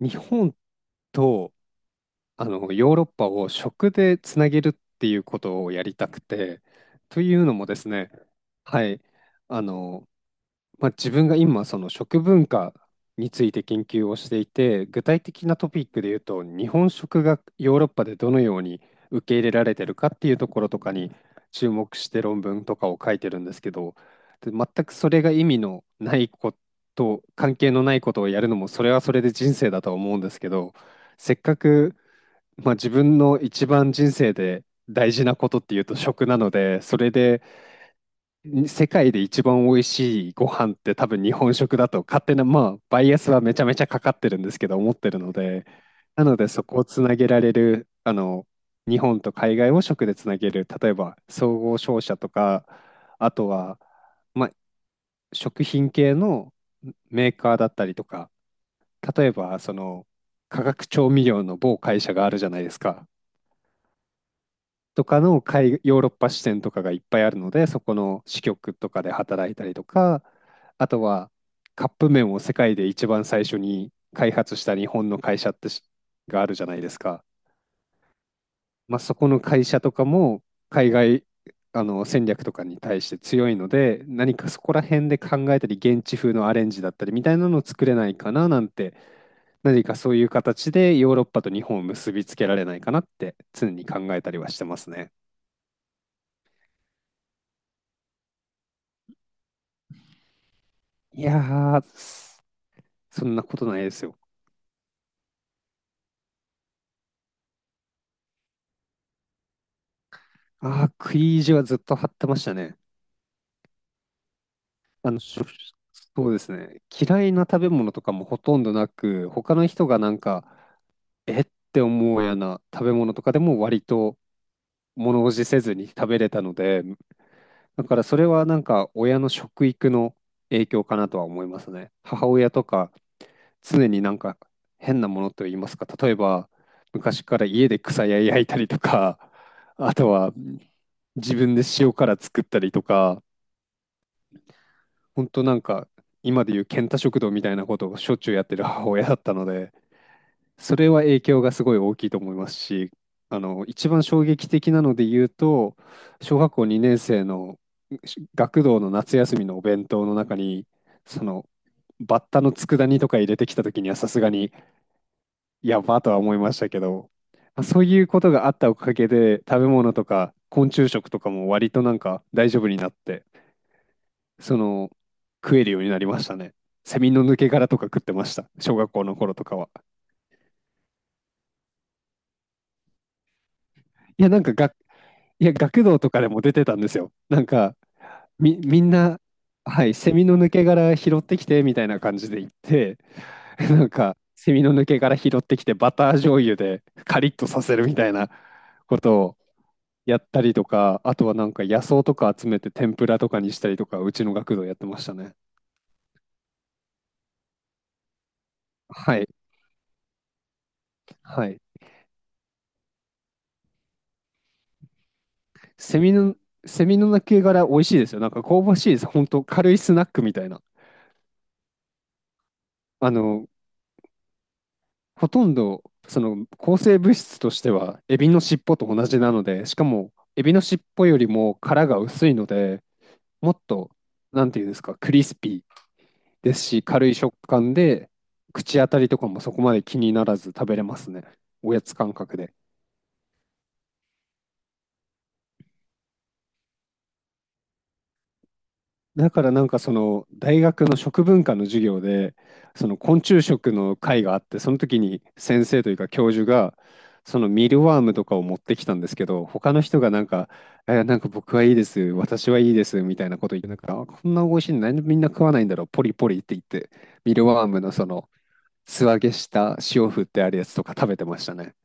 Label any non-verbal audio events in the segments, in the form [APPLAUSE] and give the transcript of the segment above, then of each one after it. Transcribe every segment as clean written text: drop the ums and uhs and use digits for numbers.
日本とヨーロッパを食でつなげるっていうことをやりたくて、というのもですね、はい、あのまあ、自分が今その食文化について研究をしていて具体的なトピックで言うと日本食がヨーロッパでどのように受け入れられてるかっていうところとかに注目して論文とかを書いてるんですけど、で全くそれが意味のないこと関係のないことをやるのもそれはそれで人生だとは思うんですけど、せっかく、まあ、自分の一番人生で大事なことっていうと食なのでそれで世界で一番美味しいご飯って多分日本食だと勝手な、まあ、バイアスはめちゃめちゃかかってるんですけど思ってるので、なのでそこをつなげられる、日本と海外を食でつなげる、例えば総合商社とか、あとは、まあ、食品系のメーカーだったりとか、例えばその化学調味料の某会社があるじゃないですか。とかのヨーロッパ支店とかがいっぱいあるので、そこの支局とかで働いたりとか、あとはカップ麺を世界で一番最初に開発した日本の会社ってがあるじゃないですか。まあ、そこの会社とかも海外戦略とかに対して強いので、何かそこら辺で考えたり、現地風のアレンジだったりみたいなのを作れないかななんて、何かそういう形でヨーロッパと日本を結びつけられないかなって常に考えたりはしてますね。いやー、そんなことないですよ。ああ、食い意地はずっと張ってましたね。あの、しょそうですね。嫌いな食べ物とかもほとんどなく、他の人がなんか、えって思うような食べ物とかでも割と物おじせずに食べれたので、だからそれはなんか親の食育の影響かなとは思いますね。母親とか常になんか変なものといいますか、例えば昔から家で草や焼いたりとか、あとは自分で塩辛作ったりとか、本当なんか今でいう健太食堂みたいなことをしょっちゅうやってる母親だったので、それは影響がすごい大きいと思いますし、一番衝撃的なので言うと小学校2年生の学童の夏休みのお弁当の中にそのバッタの佃煮とか入れてきた時にはさすがにやばとは思いましたけど、まあそういうことがあったおかげで食べ物とか昆虫食とかも割となんか大丈夫になって、その、食えるようになりましたね。セミの抜け殻とか食ってました。小学校の頃とかは。いや、学童とかでも出てたんですよ。なんか、みんな、はい、セミの抜け殻拾ってきてみたいな感じで行って、[LAUGHS] なんか、セミの抜け殻拾ってきて、バター醤油でカリッとさせるみたいなことをやったりとか、あとはなんか野草とか集めて天ぷらとかにしたりとか、うちの学童やってましたね。はい、はい。セミの、セミの鳴け殻美味しいですよ。なんか香ばしいです。本当軽いスナックみたいな。あの、ほとんど、抗生物質としては、エビの尻尾と同じなので、しかも、エビの尻尾よりも殻が薄いので、もっと、なんていうんですか、クリスピーですし、軽い食感で、口当たりとかもそこまで気にならず食べれますね。おやつ感覚で。だからなんかその大学の食文化の授業でその昆虫食の会があって、その時に先生というか教授がそのミルワームとかを持ってきたんですけど、他の人がなんか「えなんか僕はいいです私はいいです」みたいなこと言って、なんかあこんな美味しいのなんでみんな食わないんだろうポリポリって言って、ミルワームのその素揚げした塩振ってあるやつとか食べてましたね。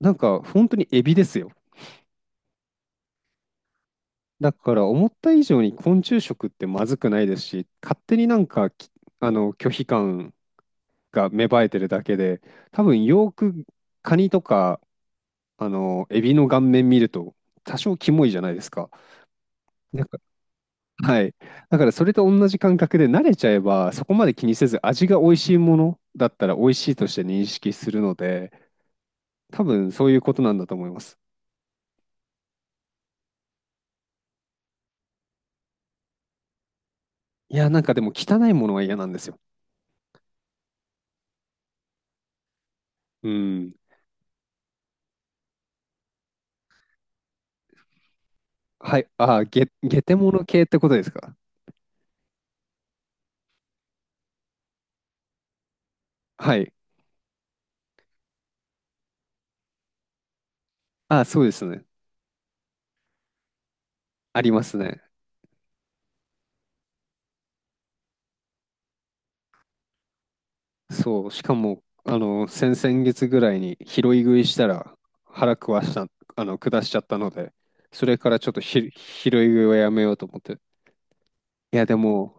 なんか本当にエビですよ。だから思った以上に昆虫食ってまずくないですし、勝手になんかきあの拒否感が芽生えてるだけで、多分よーくカニとかエビの顔面見ると多少キモいじゃないですか。なんか、はい。だからそれと同じ感覚で慣れちゃえばそこまで気にせず味が美味しいものだったら美味しいとして認識するので、多分そういうことなんだと思います。いや、なんかでも汚いものは嫌なんですよ。うん。はい。ああ、ゲテモノ系ってことですか？はい。あ、そうですね。ありますね。そう。しかも、先々月ぐらいに拾い食いしたら腹壊した、下しちゃったので、それからちょっと拾い食いはやめようと思って。いや、でも、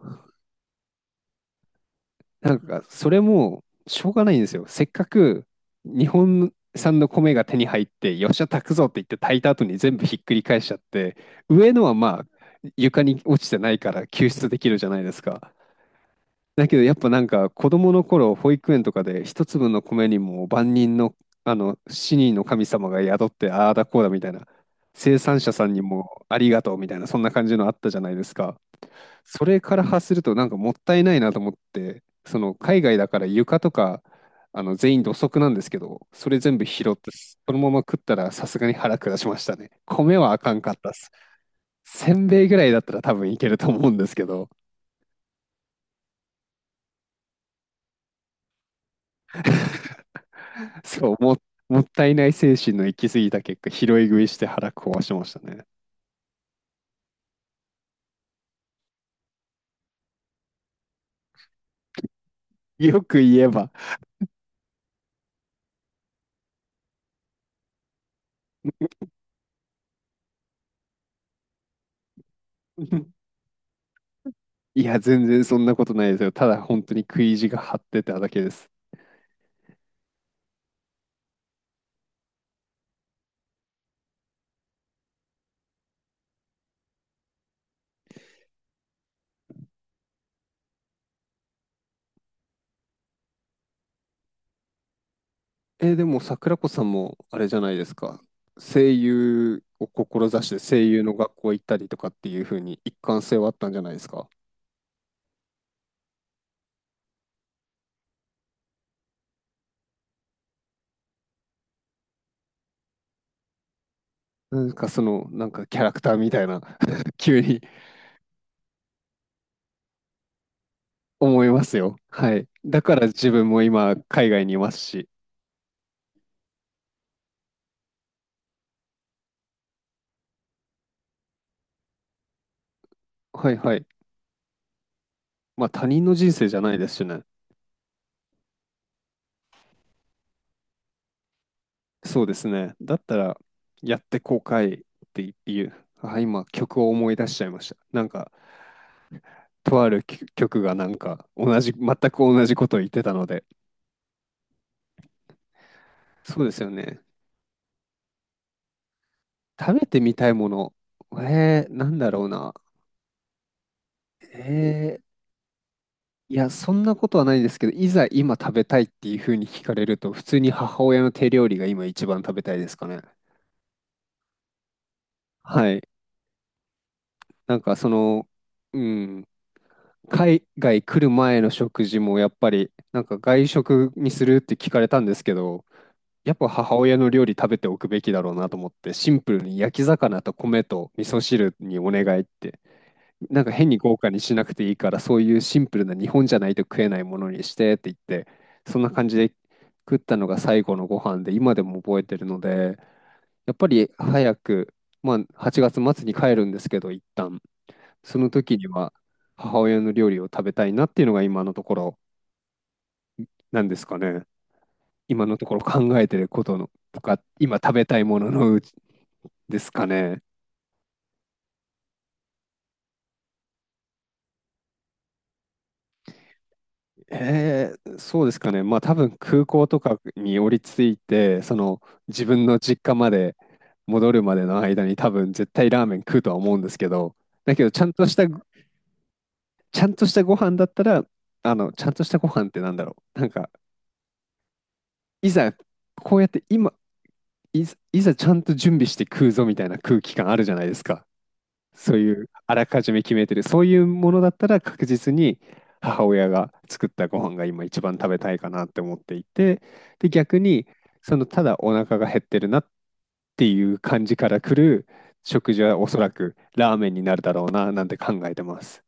なんか、それも、しょうがないんですよ。せっかく、日本産の米が手に入って、よっしゃ、炊くぞって言って炊いた後に全部ひっくり返しちゃって、上のはまあ、床に落ちてないから救出できるじゃないですか。だけどやっぱなんか子供の頃保育園とかで一粒の米にも万人の死人の神様が宿ってああだこうだみたいな、生産者さんにもありがとうみたいな、そんな感じのあったじゃないですか。それから発するとなんかもったいないなと思って、その海外だから床とか全員土足なんですけど、それ全部拾ってそのまま食ったらさすがに腹下しましたね。米はあかんかったっす。せんべいぐらいだったら多分いけると思うんですけど、 [LAUGHS] そう、もったいない精神の行き過ぎた結果、拾い食いして腹壊しましたね。よく言えば。[LAUGHS] いや、全然そんなことないですよ。ただ本当に食い意地が張ってただけです。でも桜子さんもあれじゃないですか。声優を志して声優の学校行ったりとかっていう風に一貫性はあったんじゃないですか？なんかキャラクターみたいな [LAUGHS] 急に。思いますよ。はい。だから自分も今、海外にいますし。はいはい。まあ他人の人生じゃないですしね。そうですね。だったら、やって後悔っていう。あ、今、曲を思い出しちゃいました。なんか、とある曲がなんか、同じ、全く同じことを言ってたので。そうですよね。食べてみたいもの。なんだろうな。えーいや、そんなことはないですけど、いざ今食べたいっていうふうに聞かれると、普通に母親の手料理が今一番食べたいですかね。はい。なんかその、うん、海外来る前の食事もやっぱり、なんか外食にするって聞かれたんですけど、やっぱ母親の料理食べておくべきだろうなと思って、シンプルに焼き魚と米と味噌汁にお願いって、なんか変に豪華にしなくていいから、そういうシンプルな日本じゃないと食えないものにしてって言って、そんな感じで食ったのが最後のご飯で、今でも覚えてるので、やっぱり早く、まあ8月末に帰るんですけど、一旦、その時には母親の料理を食べたいなっていうのが今のところなんですかね。今のところ考えてることのとか、今食べたいもののうちですかね。そうですかね。まあ多分空港とかに降りついて、その自分の実家まで戻るまでの間に多分絶対ラーメン食うとは思うんですけど、だけどちゃんとしたご飯だったら、ちゃんとしたご飯ってなんだろう。なんか、いざこうやって今、いざちゃんと準備して食うぞみたいな空気感あるじゃないですか。そういうあらかじめ決めてる、そういうものだったら確実に母親が作ったご飯が今一番食べたいかなって思っていて、で、逆に、そのただお腹が減ってるなっていう感じから来る食事はおそらくラーメンになるだろうななんて考えてます。